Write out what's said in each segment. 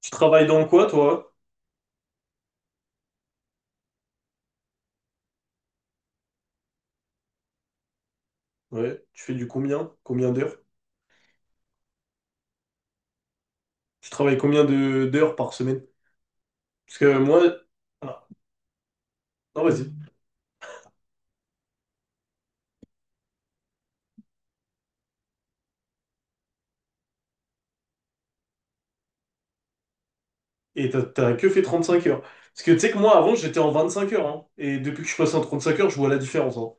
Tu travailles dans quoi, toi? Ouais. Tu fais du combien? Combien d'heures? Tu travailles combien de d'heures par semaine? Parce que moi. Ah, non, vas-y. Et t'as que fait 35 heures. Parce que tu sais que moi, avant, j'étais en 25 heures, hein. Et depuis que je passe en 35 heures, je vois la différence, hein.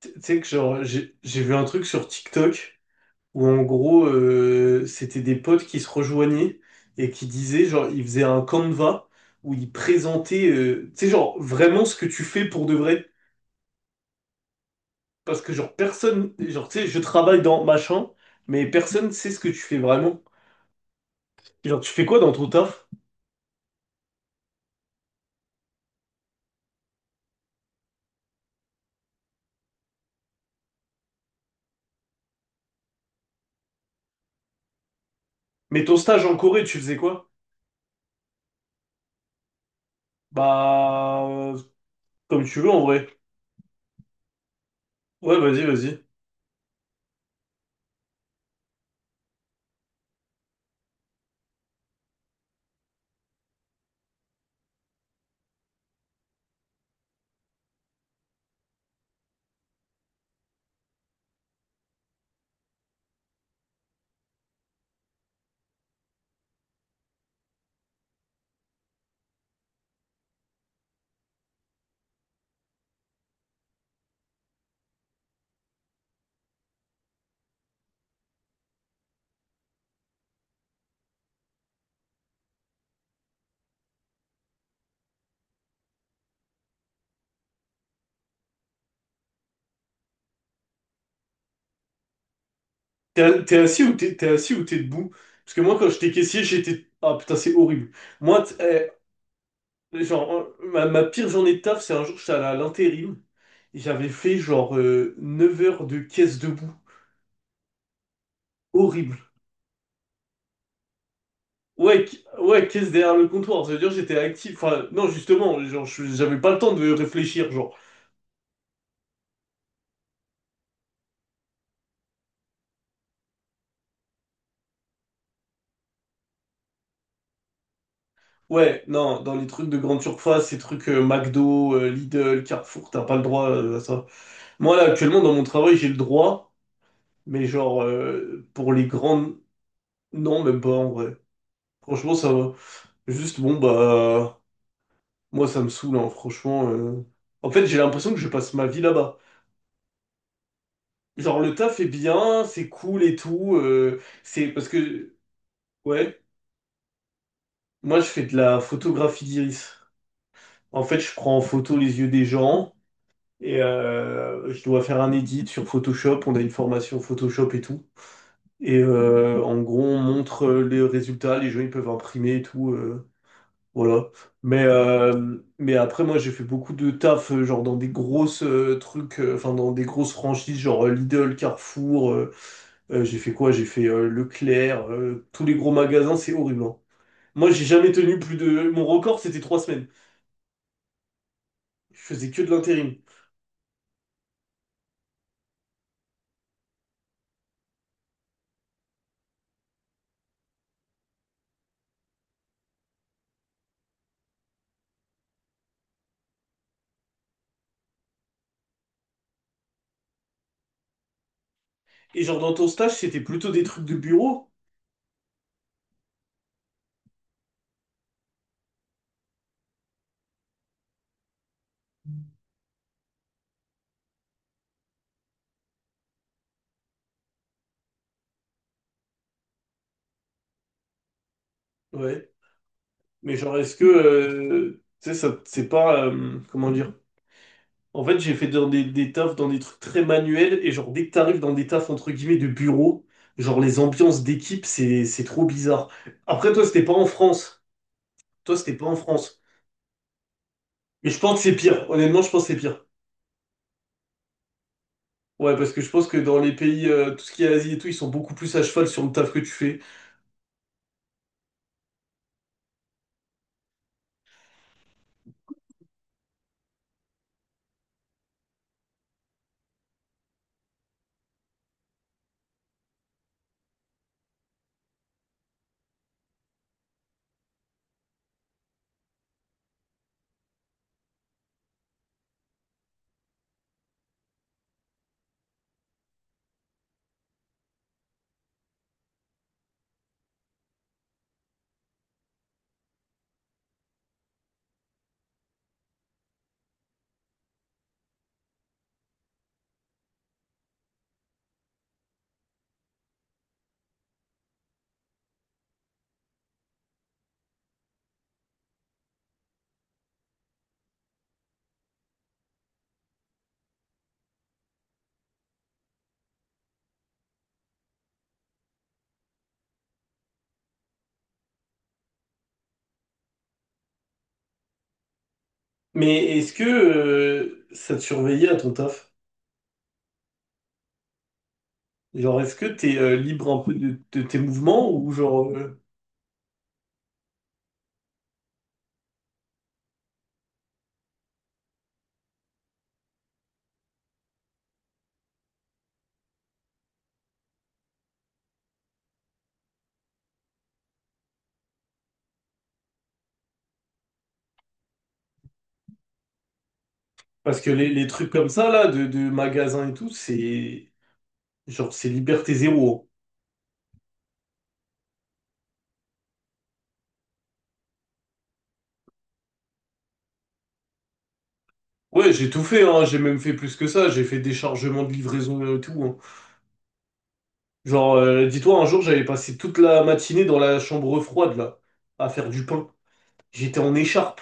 Tu sais que genre, j'ai vu un truc sur TikTok où en gros, c'était des potes qui se rejoignaient et qui disaient, genre, ils faisaient un Canva où ils présentaient, tu sais, genre, vraiment ce que tu fais pour de vrai. Parce que genre personne, genre tu sais, je travaille dans machin, mais personne sait ce que tu fais vraiment. Genre tu fais quoi dans ton taf? Mais ton stage en Corée, tu faisais quoi? Bah, comme tu veux en vrai. Ouais, vas-y, vas-y. T'es assis ou t'es assis ou t'es debout? Parce que moi quand j'étais caissier, j'étais ah putain c'est horrible. Moi t- eh, genre ma pire journée de taf, c'est un jour j'étais allé à l'intérim et j'avais fait genre 9 heures de caisse debout. Horrible. Ouais, ouais, caisse derrière le comptoir, ça veut dire que j'étais actif. Enfin, non, justement, genre, j'avais pas le temps de réfléchir, genre. Ouais, non, dans les trucs de grande surface, ces trucs McDo, Lidl, Carrefour, t'as pas le droit à ça. Moi, là, actuellement, dans mon travail, j'ai le droit, mais genre, pour les grandes, non, même pas, en vrai. Franchement, ça va. Juste, bon, bah, moi, ça me saoule, hein, franchement. En fait, j'ai l'impression que je passe ma vie là-bas. Genre, le taf est bien, c'est cool et tout, c'est parce que, ouais. Moi, je fais de la photographie d'iris. En fait, je prends en photo les yeux des gens et je dois faire un edit sur Photoshop. On a une formation Photoshop et tout. Et en gros, on montre les résultats. Les gens, ils peuvent imprimer et tout. Voilà. Mais après, moi, j'ai fait beaucoup de taf, genre dans des grosses trucs, enfin, dans des grosses franchises, genre Lidl, Carrefour. J'ai fait quoi? J'ai fait Leclerc, tous les gros magasins, c'est horrible, hein. Moi, j'ai jamais tenu plus de. Mon record, c'était 3 semaines. Je faisais que de l'intérim. Et genre dans ton stage, c'était plutôt des trucs de bureau. Ouais. Mais genre, est-ce que tu sais, ça c'est pas comment dire? En fait, j'ai fait dans des tafs, dans des trucs très manuels, et genre dès que t'arrives dans des tafs entre guillemets de bureau, genre les ambiances d'équipe, c'est trop bizarre. Après, toi, c'était pas en France. Toi, c'était pas en France. Mais je pense que c'est pire. Honnêtement, je pense que c'est pire. Ouais, parce que je pense que dans les pays, tout ce qui est Asie et tout, ils sont beaucoup plus à cheval sur le taf que tu fais. Mais est-ce que ça te surveillait à ton taf? Genre, est-ce que t'es libre un peu de tes mouvements ou genre parce que les trucs comme ça là de magasins et tout, c'est genre c'est liberté zéro, hein. Ouais, j'ai tout fait, hein, j'ai même fait plus que ça, j'ai fait des chargements de livraison et tout, hein. Genre, dis-toi, un jour j'avais passé toute la matinée dans la chambre froide là, à faire du pain. J'étais en écharpe.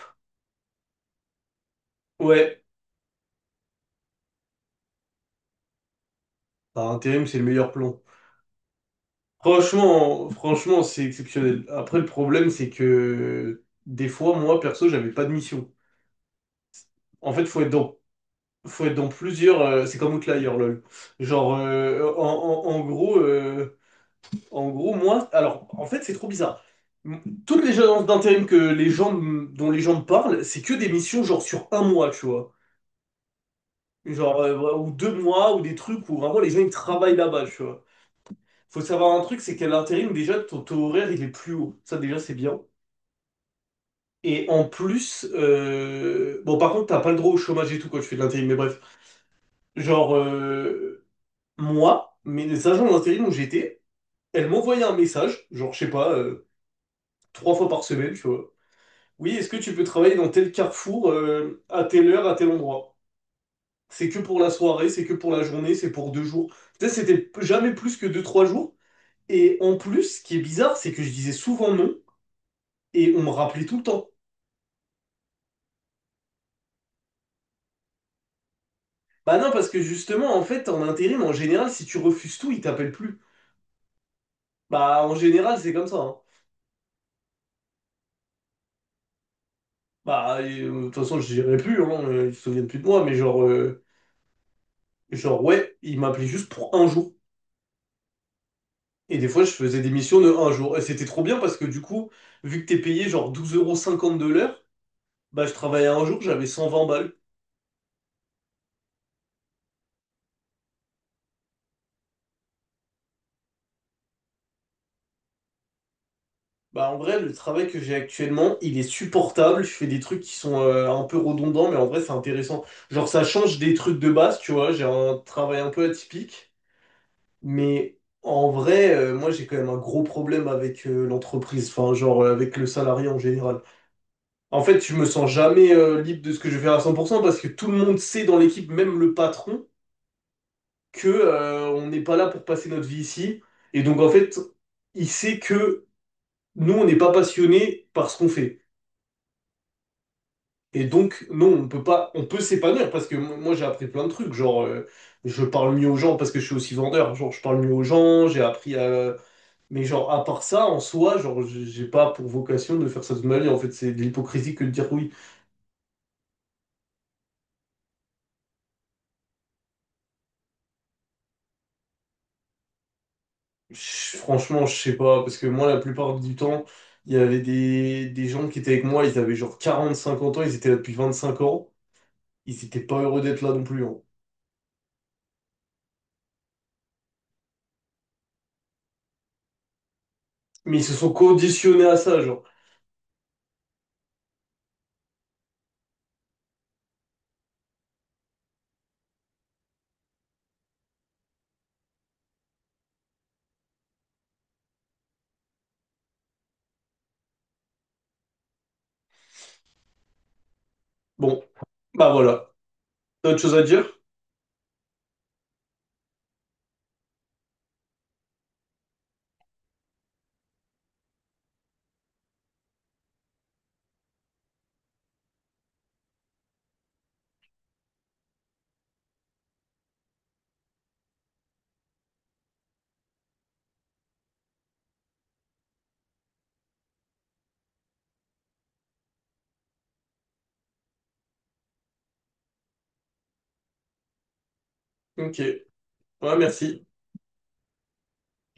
Ouais, par intérim, c'est le meilleur plan. Franchement, franchement, c'est exceptionnel. Après, le problème, c'est que des fois, moi, perso, j'avais pas de mission. En fait, faut être dans plusieurs. C'est comme Outlier, lol. Genre, en gros, moi, alors, en fait, c'est trop bizarre. Toutes les agences d'intérim que les gens, dont les gens me parlent, c'est que des missions genre sur un mois, tu vois. Genre, ou 2 mois, ou des trucs où vraiment les gens ils travaillent là-bas, tu vois. Faut savoir un truc, c'est qu'à l'intérim, déjà, ton taux horaire il est plus haut. Ça, déjà, c'est bien. Et en plus, bon, par contre, t'as pas le droit au chômage et tout quand tu fais de l'intérim, mais bref. Genre, moi, mais les agents d'intérim où j'étais, elles m'envoyaient un message, genre, je sais pas, trois fois par semaine, tu vois. Oui, est-ce que tu peux travailler dans tel carrefour, à telle heure, à tel endroit? C'est que pour la soirée, c'est que pour la journée, c'est pour 2 jours. Peut-être c'était jamais plus que deux, trois jours. Et en plus, ce qui est bizarre, c'est que je disais souvent non, et on me rappelait tout le temps. Bah non, parce que justement, en fait, en intérim, en général, si tu refuses tout, ils t'appellent plus. Bah, en général, c'est comme ça, hein. Bah, de toute façon, je dirais plus, hein, ils se souviennent plus de moi, mais genre. Genre, ouais, il m'appelait juste pour un jour. Et des fois, je faisais des missions de un jour. Et c'était trop bien parce que du coup, vu que t'es payé genre 12,50 € de l'heure, bah je travaillais un jour, j'avais 120 balles. Bah en vrai, le travail que j'ai actuellement, il est supportable. Je fais des trucs qui sont un peu redondants, mais en vrai, c'est intéressant. Genre, ça change des trucs de base, tu vois. J'ai un travail un peu atypique. Mais en vrai, moi, j'ai quand même un gros problème avec l'entreprise. Enfin, genre, avec le salarié en général. En fait, je me sens jamais libre de ce que je vais faire à 100% parce que tout le monde sait dans l'équipe, même le patron, que on n'est pas là pour passer notre vie ici. Et donc, en fait, il sait que nous, on n'est pas passionnés par ce qu'on fait. Et donc, non, on peut pas, on peut s'épanouir parce que moi, j'ai appris plein de trucs. Genre, je parle mieux aux gens parce que je suis aussi vendeur. Genre, je parle mieux aux gens, j'ai appris à. Mais genre, à part ça, en soi, genre, j'ai pas pour vocation de faire ça de ma vie. En fait, c'est de l'hypocrisie que de dire oui. Franchement, je sais pas, parce que moi, la plupart du temps, il y avait des gens qui étaient avec moi, ils avaient genre 40, 50 ans, ils étaient là depuis 25 ans, ils étaient pas heureux d'être là non plus, hein. Mais ils se sont conditionnés à ça, genre. Bon, bah voilà. T'as autre chose à dire? Ok. Ouais, merci.